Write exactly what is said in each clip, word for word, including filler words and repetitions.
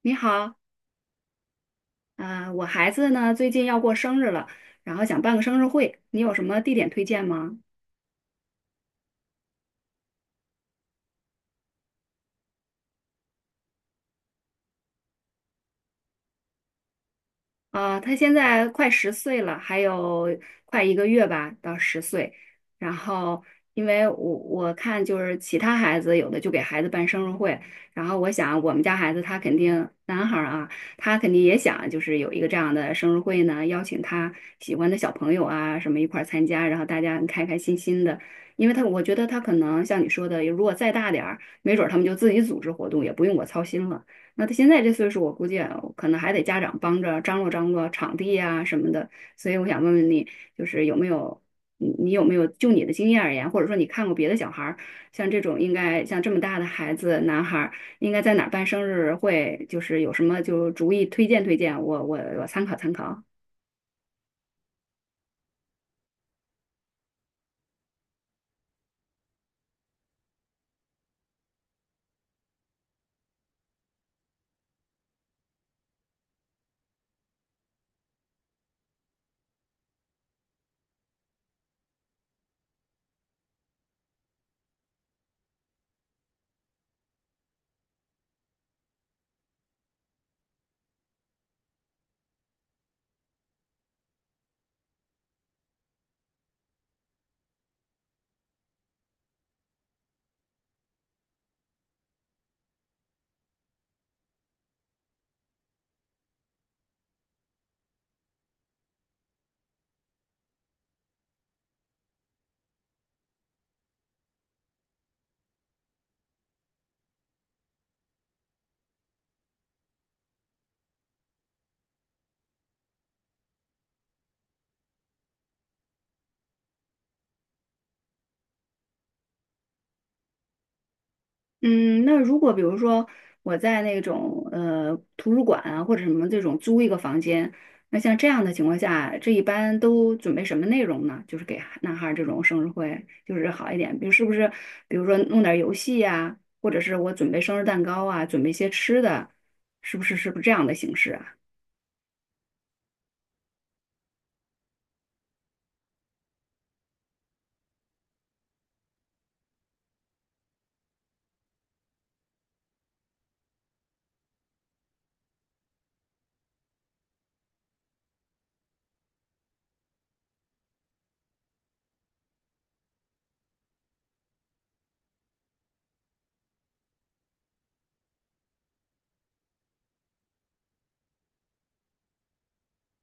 你好，啊、我孩子呢最近要过生日了，然后想办个生日会，你有什么地点推荐吗？啊，他现在快十岁了，还有快一个月吧，到十岁。然后，因为我我看就是其他孩子有的就给孩子办生日会，然后我想我们家孩子他肯定男孩儿啊，他肯定也想就是有一个这样的生日会呢，邀请他喜欢的小朋友啊什么一块儿参加，然后大家开开心心的。因为他我觉得他可能像你说的，如果再大点儿，没准儿他们就自己组织活动，也不用我操心了。那他现在这岁数，我估计啊可能还得家长帮着张罗张罗场地呀、什么的。所以我想问问你，就是有没有你你有没有就你的经验而言，或者说你看过别的小孩儿，像这种应该像这么大的孩子，男孩儿应该在哪儿办生日会，就是有什么就主意推荐推荐，我我我参考参考。嗯，那如果比如说我在那种呃图书馆啊或者什么这种租一个房间，那像这样的情况下，这一般都准备什么内容呢？就是给孩男孩儿这种生日会，就是好一点，比如是不是，比如说弄点儿游戏呀、或者是我准备生日蛋糕啊，准备一些吃的，是不是是不是这样的形式啊？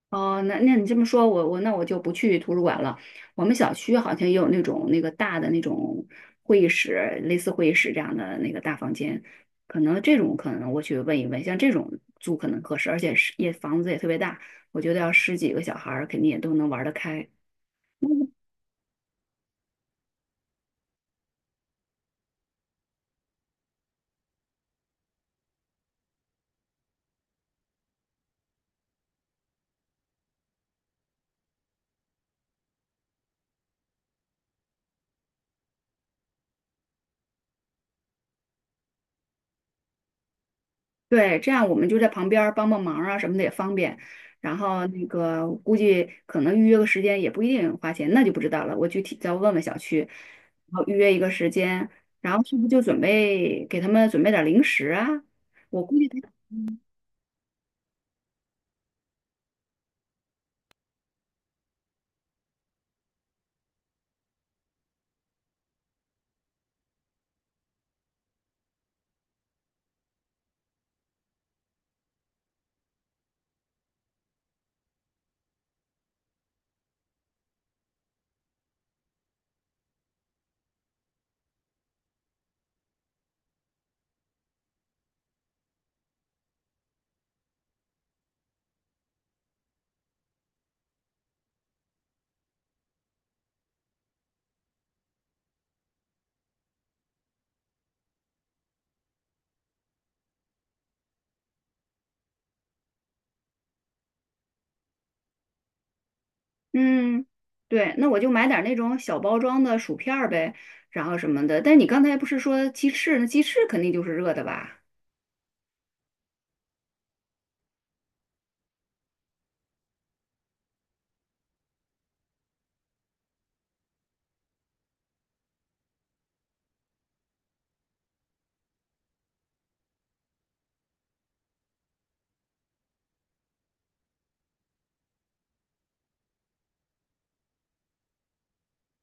哦，那那你这么说，我我那我就不去图书馆了。我们小区好像也有那种那个大的那种会议室，类似会议室这样的那个大房间，可能这种可能我去问一问，像这种租可能合适，而且是也房子也特别大，我觉得要十几个小孩儿肯定也都能玩得开。对，这样我们就在旁边儿帮帮忙啊什么的也方便。然后那个估计可能预约个时间也不一定花钱，那就不知道了。我具体再问问小区，然后预约一个时间，然后是不是就准备给他们准备点儿零食啊？我估计他，嗯，对，那我就买点儿那种小包装的薯片儿呗，然后什么的。但你刚才不是说鸡翅？那鸡翅肯定就是热的吧？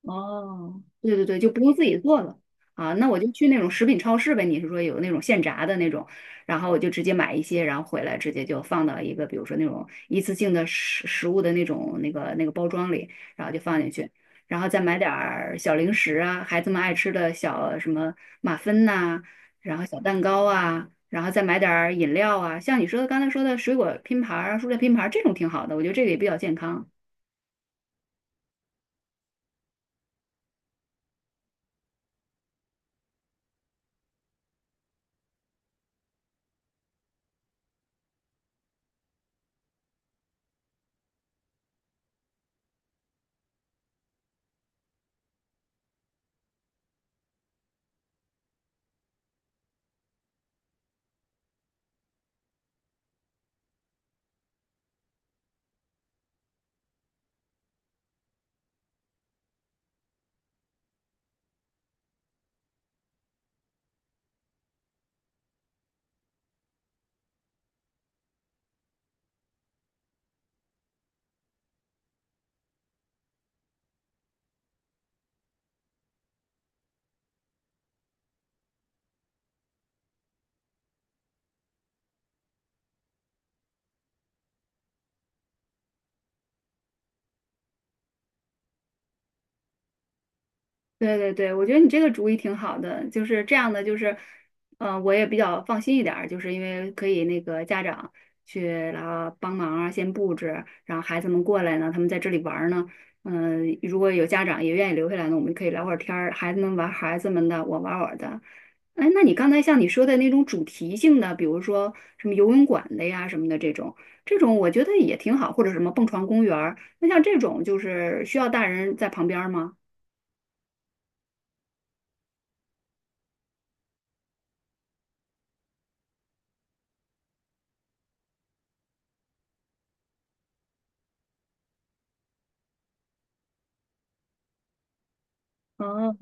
哦，对对对，就不用自己做了啊。那我就去那种食品超市呗，你是说有那种现炸的那种，然后我就直接买一些，然后回来直接就放到一个，比如说那种一次性的食食物的那种那个那个包装里，然后就放进去，然后再买点儿小零食啊，孩子们爱吃的小什么马芬呐、然后小蛋糕啊，然后再买点儿饮料啊，像你说的刚才说的水果拼盘儿啊蔬菜拼盘儿这种挺好的，我觉得这个也比较健康。对对对，我觉得你这个主意挺好的，就是这样的，就是，呃，我也比较放心一点儿，就是因为可以那个家长去然后帮忙啊，先布置，然后孩子们过来呢，他们在这里玩儿呢，嗯、如果有家长也愿意留下来呢，我们可以聊会儿天儿，孩子们玩孩子们的，我玩我的。哎，那你刚才像你说的那种主题性的，比如说什么游泳馆的呀什么的这种，这种我觉得也挺好，或者什么蹦床公园儿，那像这种就是需要大人在旁边儿吗？哦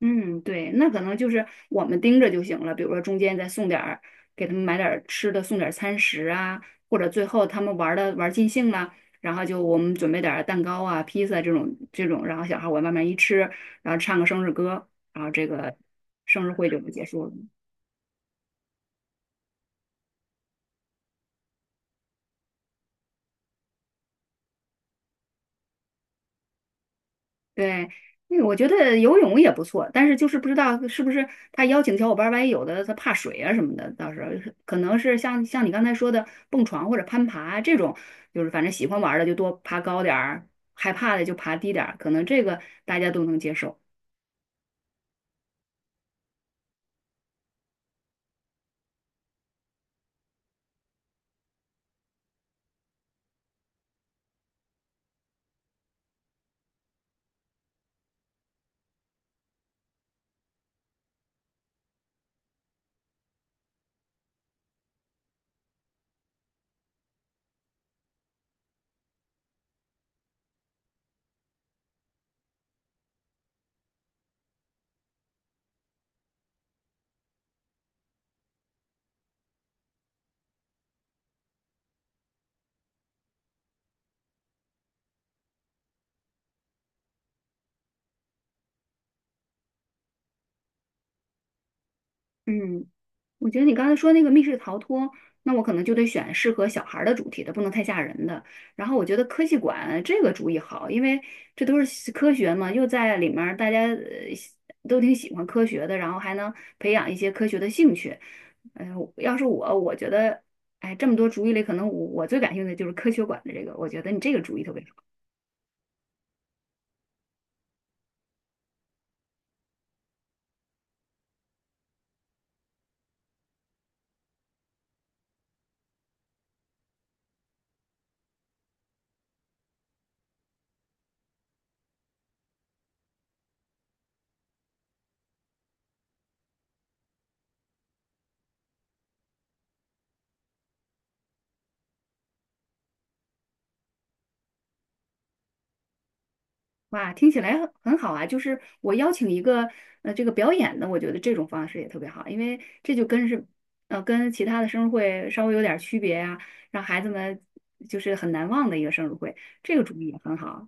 嗯，对，那可能就是我们盯着就行了，比如说中间再送点儿，给他们买点儿吃的，送点儿餐食啊，或者最后他们玩的玩尽兴了，然后就我们准备点儿蛋糕啊、披萨这种这种，然后小孩往外面一吃，然后唱个生日歌，然后这个生日会就不结束了。对，那个我觉得游泳也不错，但是就是不知道是不是他邀请小伙伴儿，万一有的他怕水啊什么的，到时候可能是像像你刚才说的蹦床或者攀爬这种，就是反正喜欢玩儿的就多爬高点儿，害怕的就爬低点儿，可能这个大家都能接受。嗯。我觉得你刚才说那个密室逃脱，那我可能就得选适合小孩儿的主题的，不能太吓人的。然后我觉得科技馆这个主意好，因为这都是科学嘛，又在里面儿大家呃喜都挺喜欢科学的，然后还能培养一些科学的兴趣。哎、要是我，我觉得，哎，这么多主意里，可能我我最感兴趣的就是科学馆的这个，我觉得你这个主意特别好。哇，听起来很很好啊！就是我邀请一个呃这个表演的，我觉得这种方式也特别好，因为这就跟是呃跟其他的生日会稍微有点儿区别呀、让孩子们就是很难忘的一个生日会，这个主意也很好。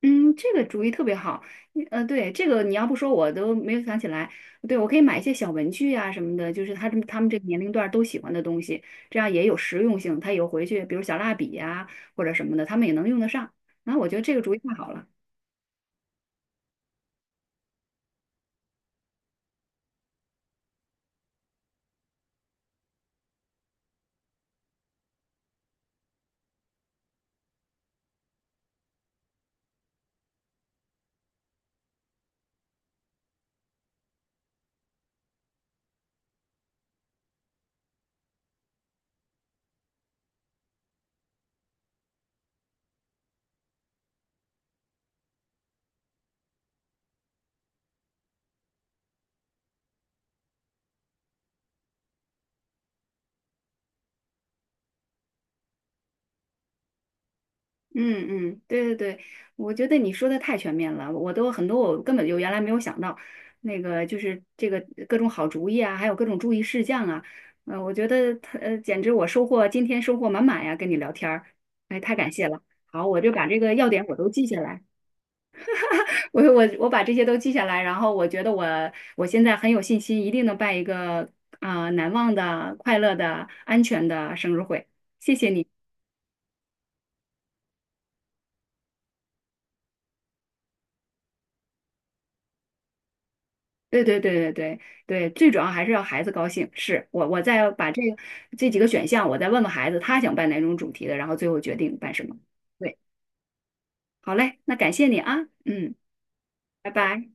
嗯，这个主意特别好。你呃，对，这个你要不说我都没有想起来。对，我可以买一些小文具啊什么的，就是他这他们这个年龄段儿都喜欢的东西，这样也有实用性。他有回去，比如小蜡笔呀、或者什么的，他们也能用得上。然后我觉得这个主意太好了。嗯嗯，对对对，我觉得你说的太全面了，我都很多我根本就原来没有想到，那个就是这个各种好主意啊，还有各种注意事项啊，嗯，我觉得他呃简直我收获今天收获满满呀，跟你聊天儿，哎，太感谢了。好，我就把这个要点我都记下来，我我我把这些都记下来，然后我觉得我我现在很有信心，一定能办一个啊、难忘的、快乐的、安全的生日会。谢谢你。对对对对对对，最主要还是要孩子高兴。是我，我再把这个这几个选项，我再问问孩子，他想办哪种主题的，然后最后决定办什么。对，好嘞，那感谢你啊，嗯，拜拜。